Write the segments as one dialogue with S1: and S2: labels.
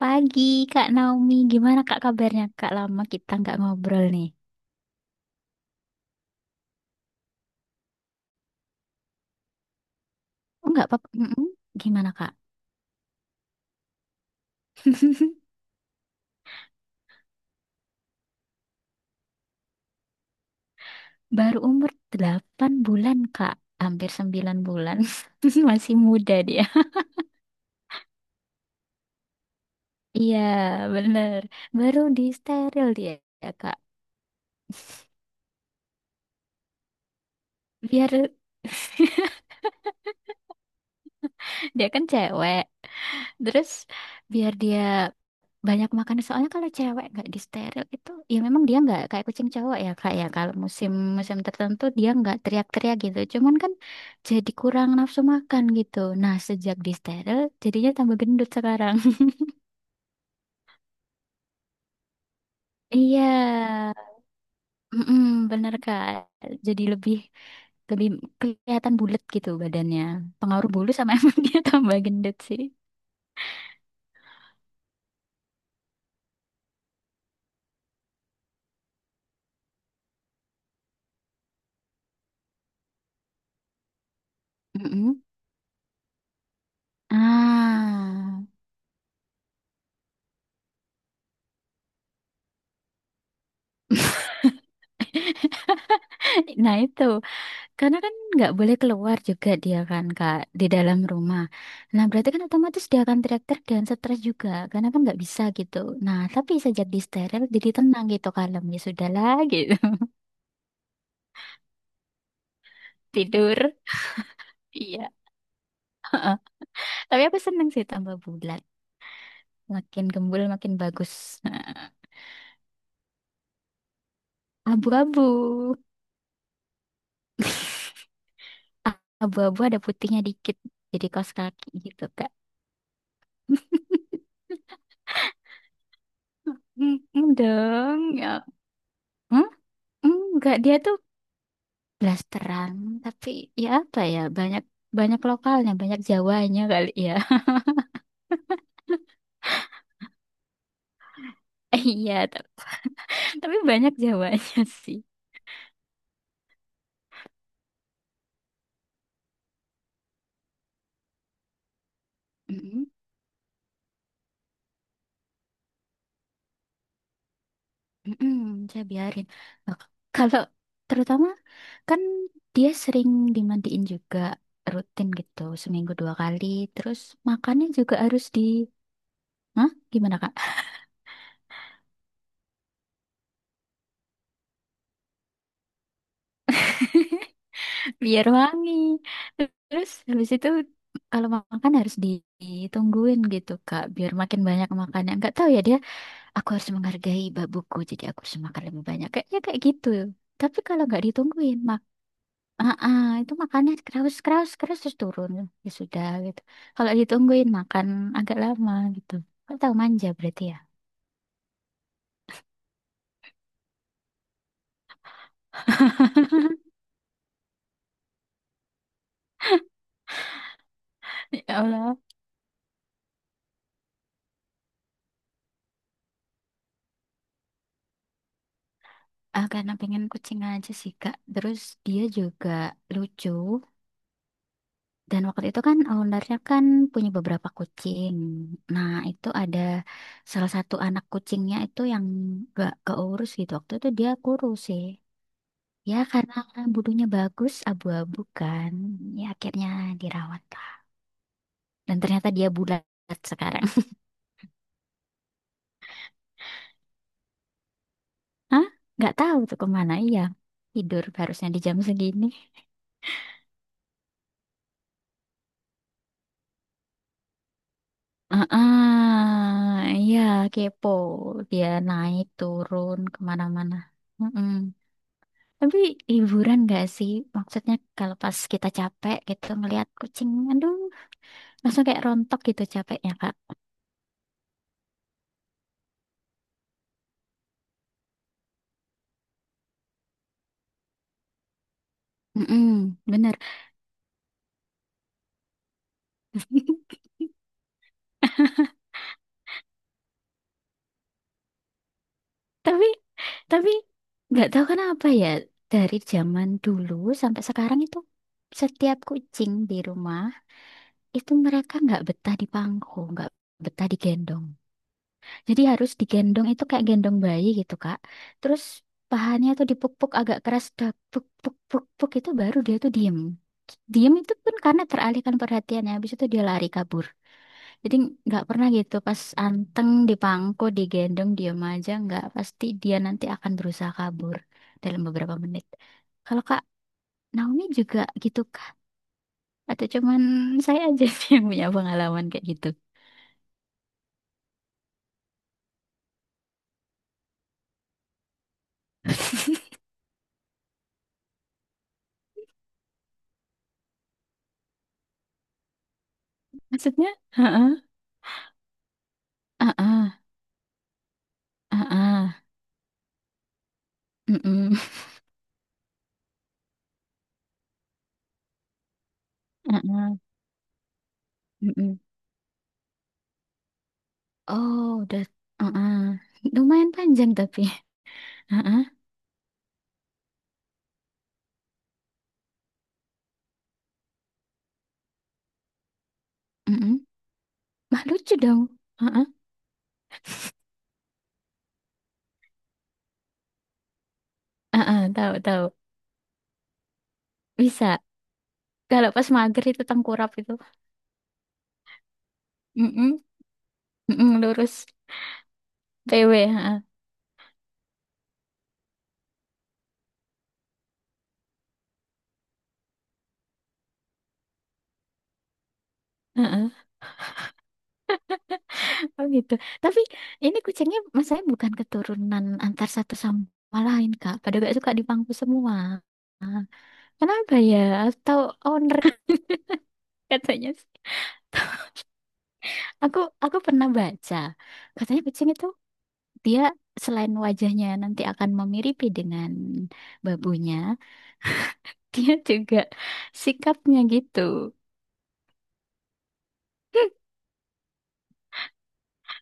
S1: Pagi, Kak Naomi. Gimana Kak kabarnya? Kak, lama kita nggak ngobrol nih. Oh, nggak apa-apa. Mm-mm. Gimana Kak? Baru umur 8 bulan Kak. Hampir 9 bulan. Masih muda dia. Iya, bener. Baru di steril dia ya Kak. Biar dia kan cewek. Terus biar dia banyak makan, soalnya kalau cewek nggak disteril itu ya memang dia nggak kayak kucing cowok ya kak ya, kalau musim musim tertentu dia nggak teriak-teriak gitu, cuman kan jadi kurang nafsu makan gitu. Nah sejak disteril jadinya tambah gendut sekarang. Iya, mm bener kak. Jadi lebih lebih kelihatan bulat gitu badannya. Pengaruh bulu sama emang dia tambah gendut sih. Mm-mm. ah nah itu. Karena kan nggak boleh keluar juga dia kan Kak, di dalam rumah. Nah berarti kan otomatis dia akan teriak-teriak dan stres juga, karena kan nggak bisa gitu. Nah tapi sejak di steril jadi tenang gitu, kalem, ya sudahlah gitu. Tidur. Iya. Tapi aku seneng sih tambah bulat. Makin gembul makin bagus. Abu-abu. Abu-abu ada putihnya dikit. Jadi kaos kaki gitu Kak. Hmm, hmm dong ya. Hmm? Enggak, dia tuh blasteran, tapi ya apa ya, banyak banyak lokalnya, banyak Jawanya kali ya. Iya, tapi banyak Jawanya sih. Mm-mm, mm-mm, saya biarin. Nah, kalau terutama kan dia sering dimandiin juga rutin gitu seminggu 2 kali. Terus makannya juga harus di— Hah? Gimana Kak? Biar wangi. Terus habis itu kalau makan harus ditungguin gitu Kak, biar makin banyak makannya. Nggak tahu ya dia, aku harus menghargai babuku, jadi aku harus makan lebih banyak, kayaknya kayak gitu. Tapi kalau nggak ditungguin itu makannya keras keras keras, terus turun, ya sudah gitu. Kalau ditungguin makan agak lama gitu. Kau tahu manja berarti ya. Ya Allah. Ah, karena pengen kucing aja sih Kak. Terus dia juga lucu. Dan waktu itu kan ownernya kan punya beberapa kucing. Nah itu ada salah satu anak kucingnya itu yang gak keurus gitu. Waktu itu dia kurus sih. Ya karena bulunya bagus, abu-abu kan. Ya akhirnya dirawat lah. Dan ternyata dia bulat sekarang. Hah? Nggak tahu tuh kemana. Iya, tidur harusnya di jam segini. Ah, iya, kepo. Dia naik turun kemana-mana. Mm-mm. Tapi hiburan gak sih? Maksudnya kalau pas kita capek gitu ngelihat kucing, aduh, langsung kayak rontok gitu capeknya Kak. Mm-mm, bener. tapi tapi nggak tahu kenapa ya, dari zaman dulu sampai sekarang itu setiap kucing di rumah itu mereka nggak betah di pangku, nggak betah digendong. Jadi harus digendong itu kayak gendong bayi gitu kak. Terus pahanya tuh dipuk-puk agak keras, dak puk puk puk puk, itu baru dia tuh diem. Diem itu pun karena teralihkan perhatiannya, habis itu dia lari kabur. Jadi nggak pernah gitu pas anteng dipangku, digendong, diem aja nggak, pasti dia nanti akan berusaha kabur dalam beberapa menit. Kalau Kak Naomi juga gitu kah? Atau cuman saya aja sih yang punya pengalaman kayak gitu? Maksudnya? Heeh, heeh, heeh, mm-mm, heeh, mm-mm. Oh, udah, heeh. Lumayan panjang tapi, heeh, mm-mm. Mah lucu dong, heeh, heeh, tahu tahu. Bisa. Kalau pas mager itu tengkurap itu. Mm-mm, mm-mm, lurus PW. Ha, ha, ha. Oh gitu. Tapi ini kucingnya masalahnya bukan keturunan antar satu sama lain, Kak. Pada gak suka dipangku semua. Kenapa ya? Atau owner katanya sih. Aku aku pernah baca. Katanya kucing itu dia selain wajahnya nanti akan memiripi dengan babunya, dia juga sikapnya gitu.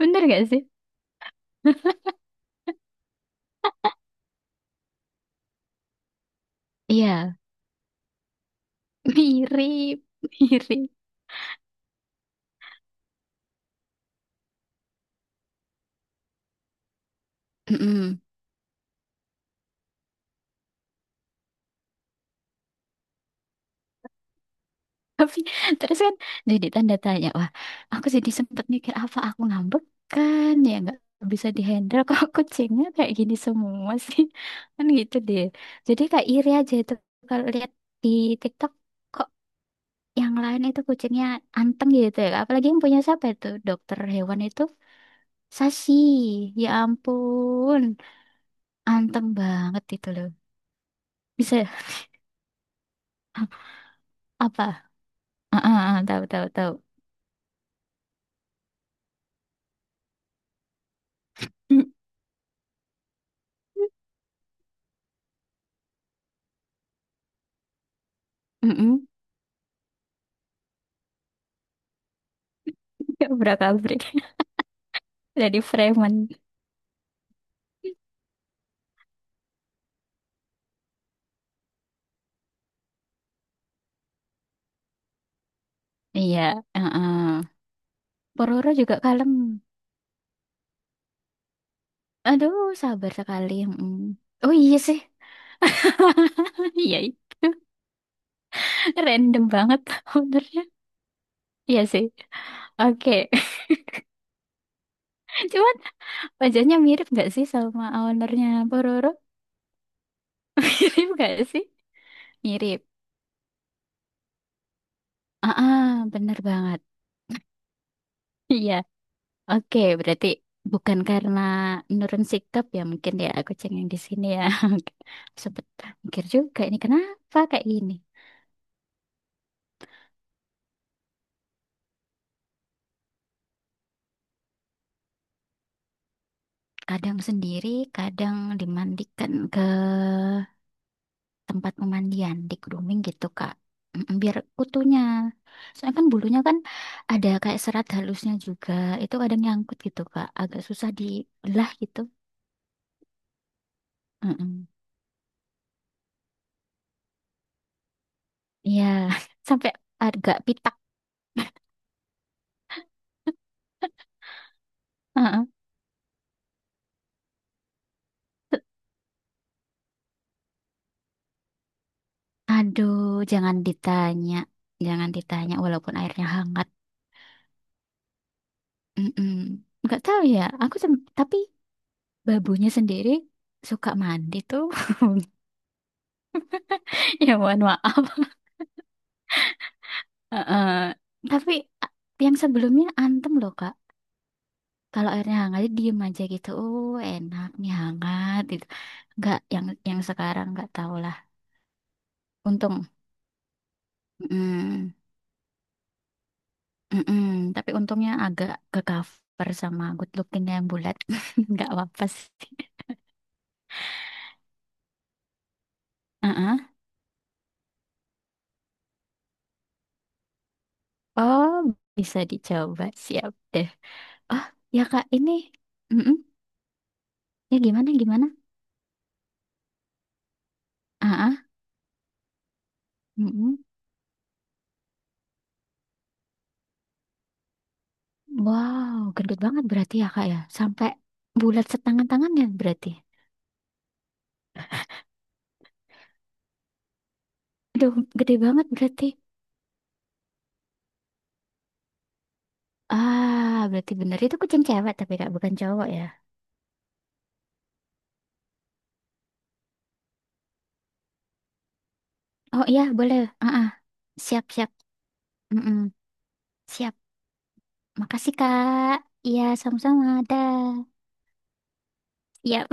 S1: Bener gak sih? Iya, mirip, mirip. Mm-mm. Tapi terus kan jadi tanda tanya, wah, aku jadi sempet mikir apa aku ngambek, kan ya nggak bisa dihandle kok kucingnya kayak gini semua sih, kan gitu deh. Jadi kayak iri aja itu kalau lihat di TikTok, kok yang lain itu kucingnya anteng gitu ya. Apalagi yang punya siapa itu dokter hewan itu, Sashi, ya ampun, anteng banget itu loh. Bisa apa? Tahu tahu tahu. Mm, mm, mm. Kabrak-kabrik dari preman. Iya, heeh. Pororo juga kalem. Aduh, sabar sekali. Mm. Oh iya sih. Iya itu. Random banget ownernya. Iya sih. Oke. Cuman wajahnya mirip nggak sih sama ownernya Pororo? Mirip nggak sih? Mirip. Ah, bener banget. Iya. Oke, berarti bukan karena nurun sikap ya mungkin ya kucing yang di sini ya. Oke. Sempet mikir juga ini kenapa kayak gini. Kadang sendiri, kadang dimandikan ke tempat pemandian, di grooming gitu, Kak. Mm, biar kutunya. Soalnya kan bulunya kan ada kayak serat halusnya juga. Itu kadang nyangkut gitu, Kak. Agak susah dibelah gitu. Mm-mm. Iya, sampai agak pitak. Heeh. Aduh, jangan ditanya. Jangan ditanya walaupun airnya hangat. Mm-mm. Nggak tahu ya. Tapi babunya sendiri suka mandi tuh. Ya mohon maaf. Heeh. Tapi a- yang sebelumnya antem loh Kak. Kalau airnya hangat dia diem aja gitu. Oh enak nih hangat gitu. Nggak yang sekarang nggak tahu lah. Untung. Mm, mm-mm. Tapi untungnya agak ke cover sama good looking yang bulat. Nggak apa-apa sih. Heeh. Oh bisa dicoba, siap deh. Oh ya Kak ini. Mm-mm. Ya gimana gimana? Heeh. Mm. Wow, gendut banget berarti ya kak ya. Sampai bulat setangan tangannya berarti. Aduh, gede banget berarti. Ah, berarti bener. Itu kucing cewek tapi kak, bukan cowok ya. Oh iya, boleh. Ah, ah. Siap, siap. Mm-mm. Siap. Makasih kak. Iya, sama-sama. Dah. Iya.